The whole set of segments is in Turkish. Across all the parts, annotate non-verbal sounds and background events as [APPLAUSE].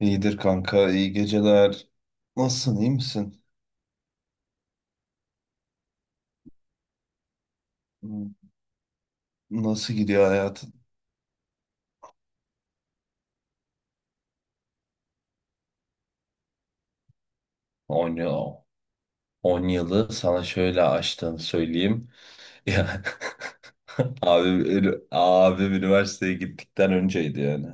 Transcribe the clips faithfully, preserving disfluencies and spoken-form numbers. İyidir kanka, iyi geceler. Nasılsın, iyi misin? Nasıl gidiyor hayatın? On yıl, on yılı sana şöyle açtığını söyleyeyim. [LAUGHS] Ya abi ünü- abi üniversiteye gittikten önceydi yani.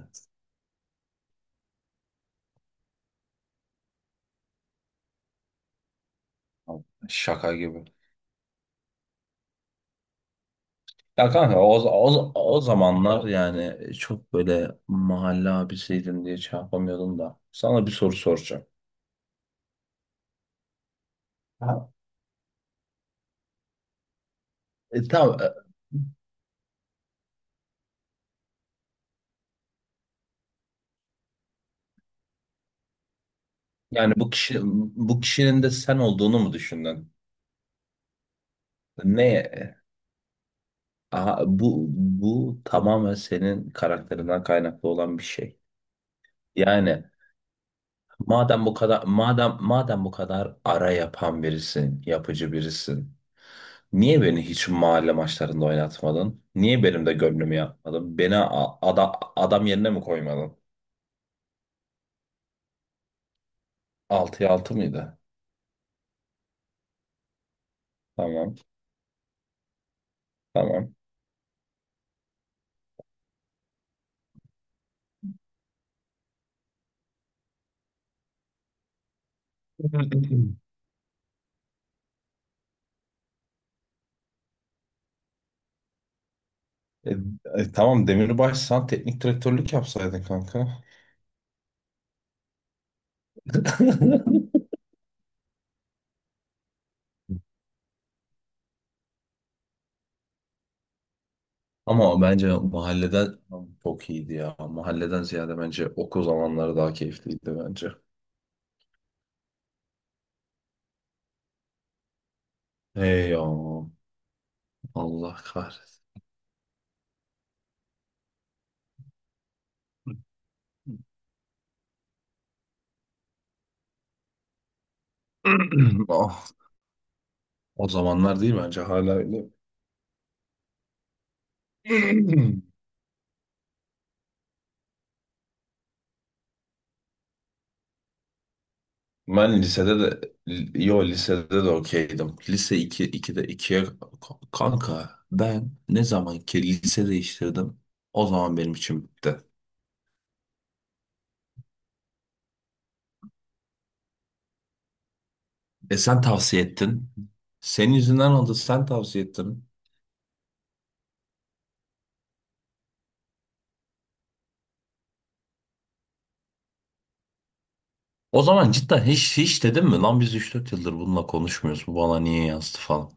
Şaka gibi. Ya kanka o, o, o zamanlar, yani çok böyle mahalle abisiydim diye şey yapamıyordum da. Sana bir soru soracağım. Ha. E, tamam. e, Yani bu kişi bu kişinin de sen olduğunu mu düşündün? Ne? Aha, bu bu tamamen senin karakterinden kaynaklı olan bir şey. Yani madem bu kadar madem madem bu kadar ara yapan birisin, yapıcı birisin. Niye beni hiç mahalle maçlarında oynatmadın? Niye benim de gönlümü yapmadın? Beni a- ada- adam yerine mi koymadın? altıya altı mıydı? Tamam, tamam. [LAUGHS] E, e, tamam, Demirbaş sen teknik direktörlük yapsaydın kanka. [LAUGHS] Ama bence mahalleden çok iyiydi ya. Mahalleden ziyade bence okul zamanları daha keyifliydi bence. Hey ya, Allah kahretsin. [CLEARS THROAT] Ah, o zamanlar değil, bence hala öyle. [CLEARS THROAT] Ben lisede de yo, lisede de okeydim. Lise iki, ikide ikiye kanka, ben ne zaman ki lise değiştirdim, o zaman benim için bitti. E sen tavsiye ettin. Senin yüzünden oldu, sen tavsiye ettin. O zaman cidden hiç hiç dedim mi lan, biz üç dört yıldır bununla konuşmuyoruz. Bu bana niye yazdı falan.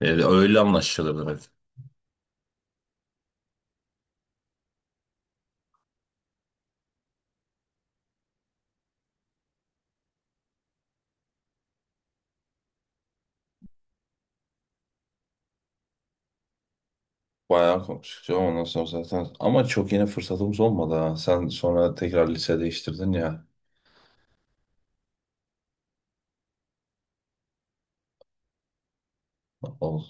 Ee, öyle anlaşılır dedi. Bayağı konuştuk ondan sonra zaten. Ama çok yine fırsatımız olmadı ha. Sen sonra tekrar lise değiştirdin ya. Ol.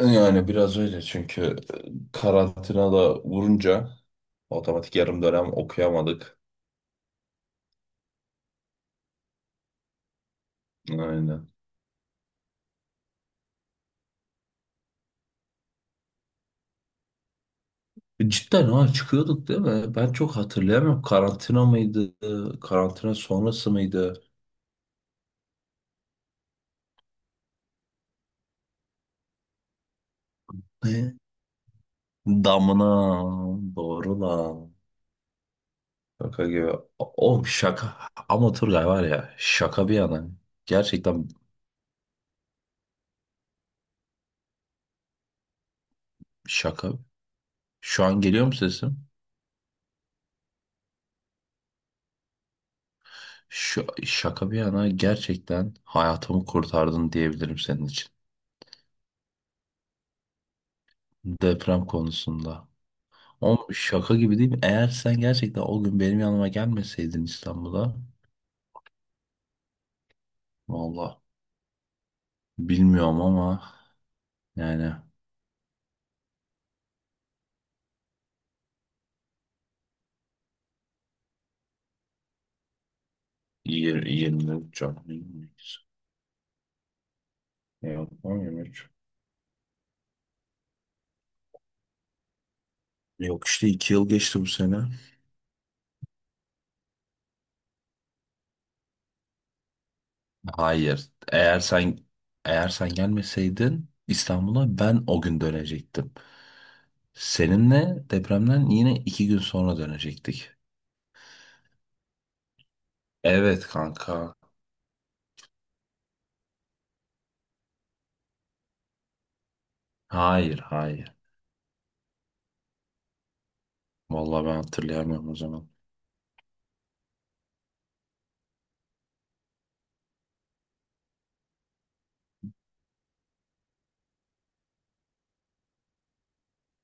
Yani biraz öyle, çünkü e, karantina da vurunca otomatik yarım dönem okuyamadık. Aynen. Cidden ha, çıkıyorduk değil mi? Ben çok hatırlayamıyorum. Karantina mıydı? Karantina sonrası mıydı? Ne? Damına doğru lan. Şaka gibi. O oğlum, şaka. Ama Turgay var ya, şaka bir yana. Gerçekten şaka. Şu an geliyor mu sesim? Şu, şaka bir yana, gerçekten hayatımı kurtardın diyebilirim senin için. Deprem konusunda. Oğlum şaka gibi değil mi? Eğer sen gerçekten o gün benim yanıma gelmeseydin İstanbul'a. Valla bilmiyorum ama yani yirmi, yirmi üç canlı. Yok, yirmi üç. Yok işte iki yıl geçti bu sene. Hayır. Eğer sen eğer sen gelmeseydin İstanbul'a, ben o gün dönecektim. Seninle depremden yine iki gün sonra dönecektik. Evet kanka. Hayır, hayır. Vallahi ben hatırlayamıyorum o zaman.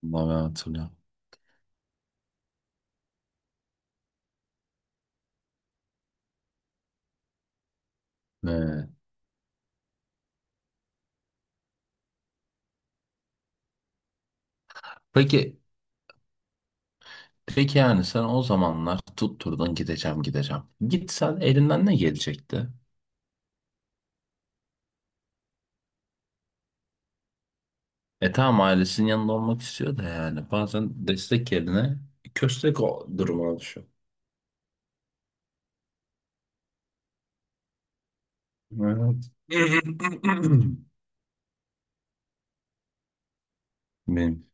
Vallahi ben hatırlıyorum. Evet. Peki, peki yani sen o zamanlar tutturdun gideceğim, gideceğim. Gitsen elinden ne gelecekti? E tamam, ailesinin yanında olmak istiyor da, yani bazen destek yerine köstek o duruma düşüyor. Evet. [CLEARS THROAT] [LAUGHS] Benim.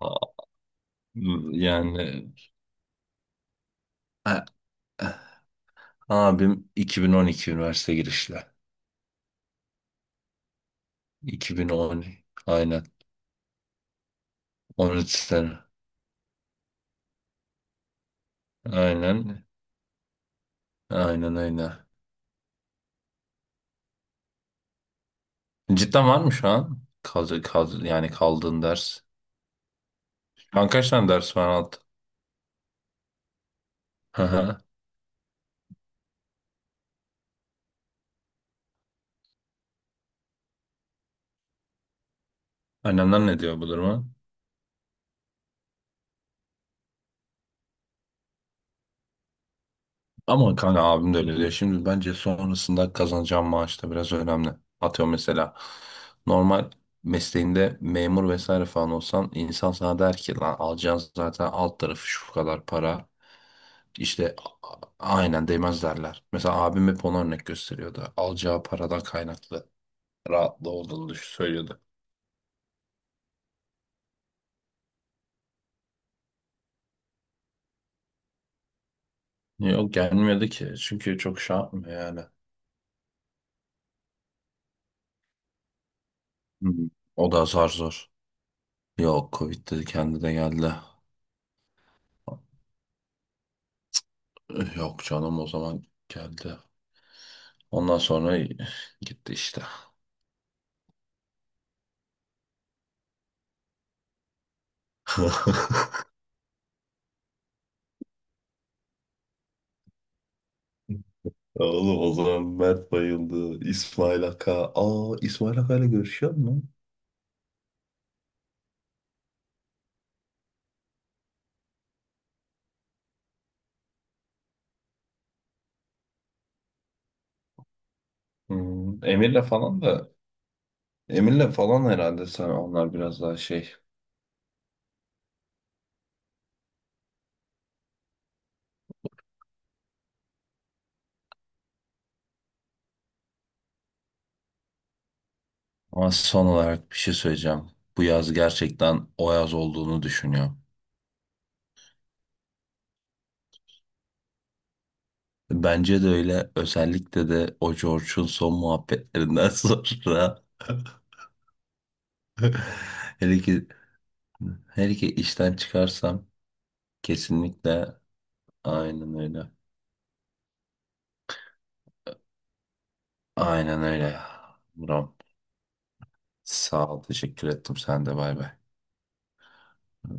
Aa, yani a- abim iki bin on iki üniversite girişli. iki bin on, aynen. on üç sene. Aynen. Aynen, aynen. Cidden var mı şu an? Kal, kal, yani kaldığın ders. Şu an kaç tane ders var alt? Hı hı. Annemler ne diyor bu duruma? Ama kanka abim de öyle diyor. Şimdi bence sonrasında kazanacağım maaş da biraz önemli. Atıyorum mesela, normal mesleğinde memur vesaire falan olsan, insan sana der ki lan, alacağın zaten alt tarafı şu kadar para. İşte a- aynen değmez derler. Mesela abim hep ona örnek gösteriyordu. Alacağı paradan kaynaklı rahatlığı olduğunu düş- söylüyordu. Yok, gelmiyordu ki çünkü çok şey yapmıyor yani. Hı. O da zar zor. Yok, Covid dedi, kendi de geldi. Eh, Yok canım, o zaman geldi. Ondan sonra gitti işte. [LAUGHS] Ya oğlum, o zaman Mert bayıldı. İsmail Aka. Aa, İsmail Aka ile görüşüyor mu? Hmm, Emir'le falan da. Emir'le falan, herhalde sen onlar biraz daha şey. Ama son olarak bir şey söyleyeceğim. Bu yaz gerçekten o yaz olduğunu düşünüyorum. Bence de öyle. Özellikle de o George'un son muhabbetlerinden [LAUGHS] sonra. [LAUGHS] Hele ki, hele ki işten çıkarsam... Kesinlikle aynen öyle. Aynen öyle. Buram. Sağ ol. Teşekkür ettim. Sen de bay bay.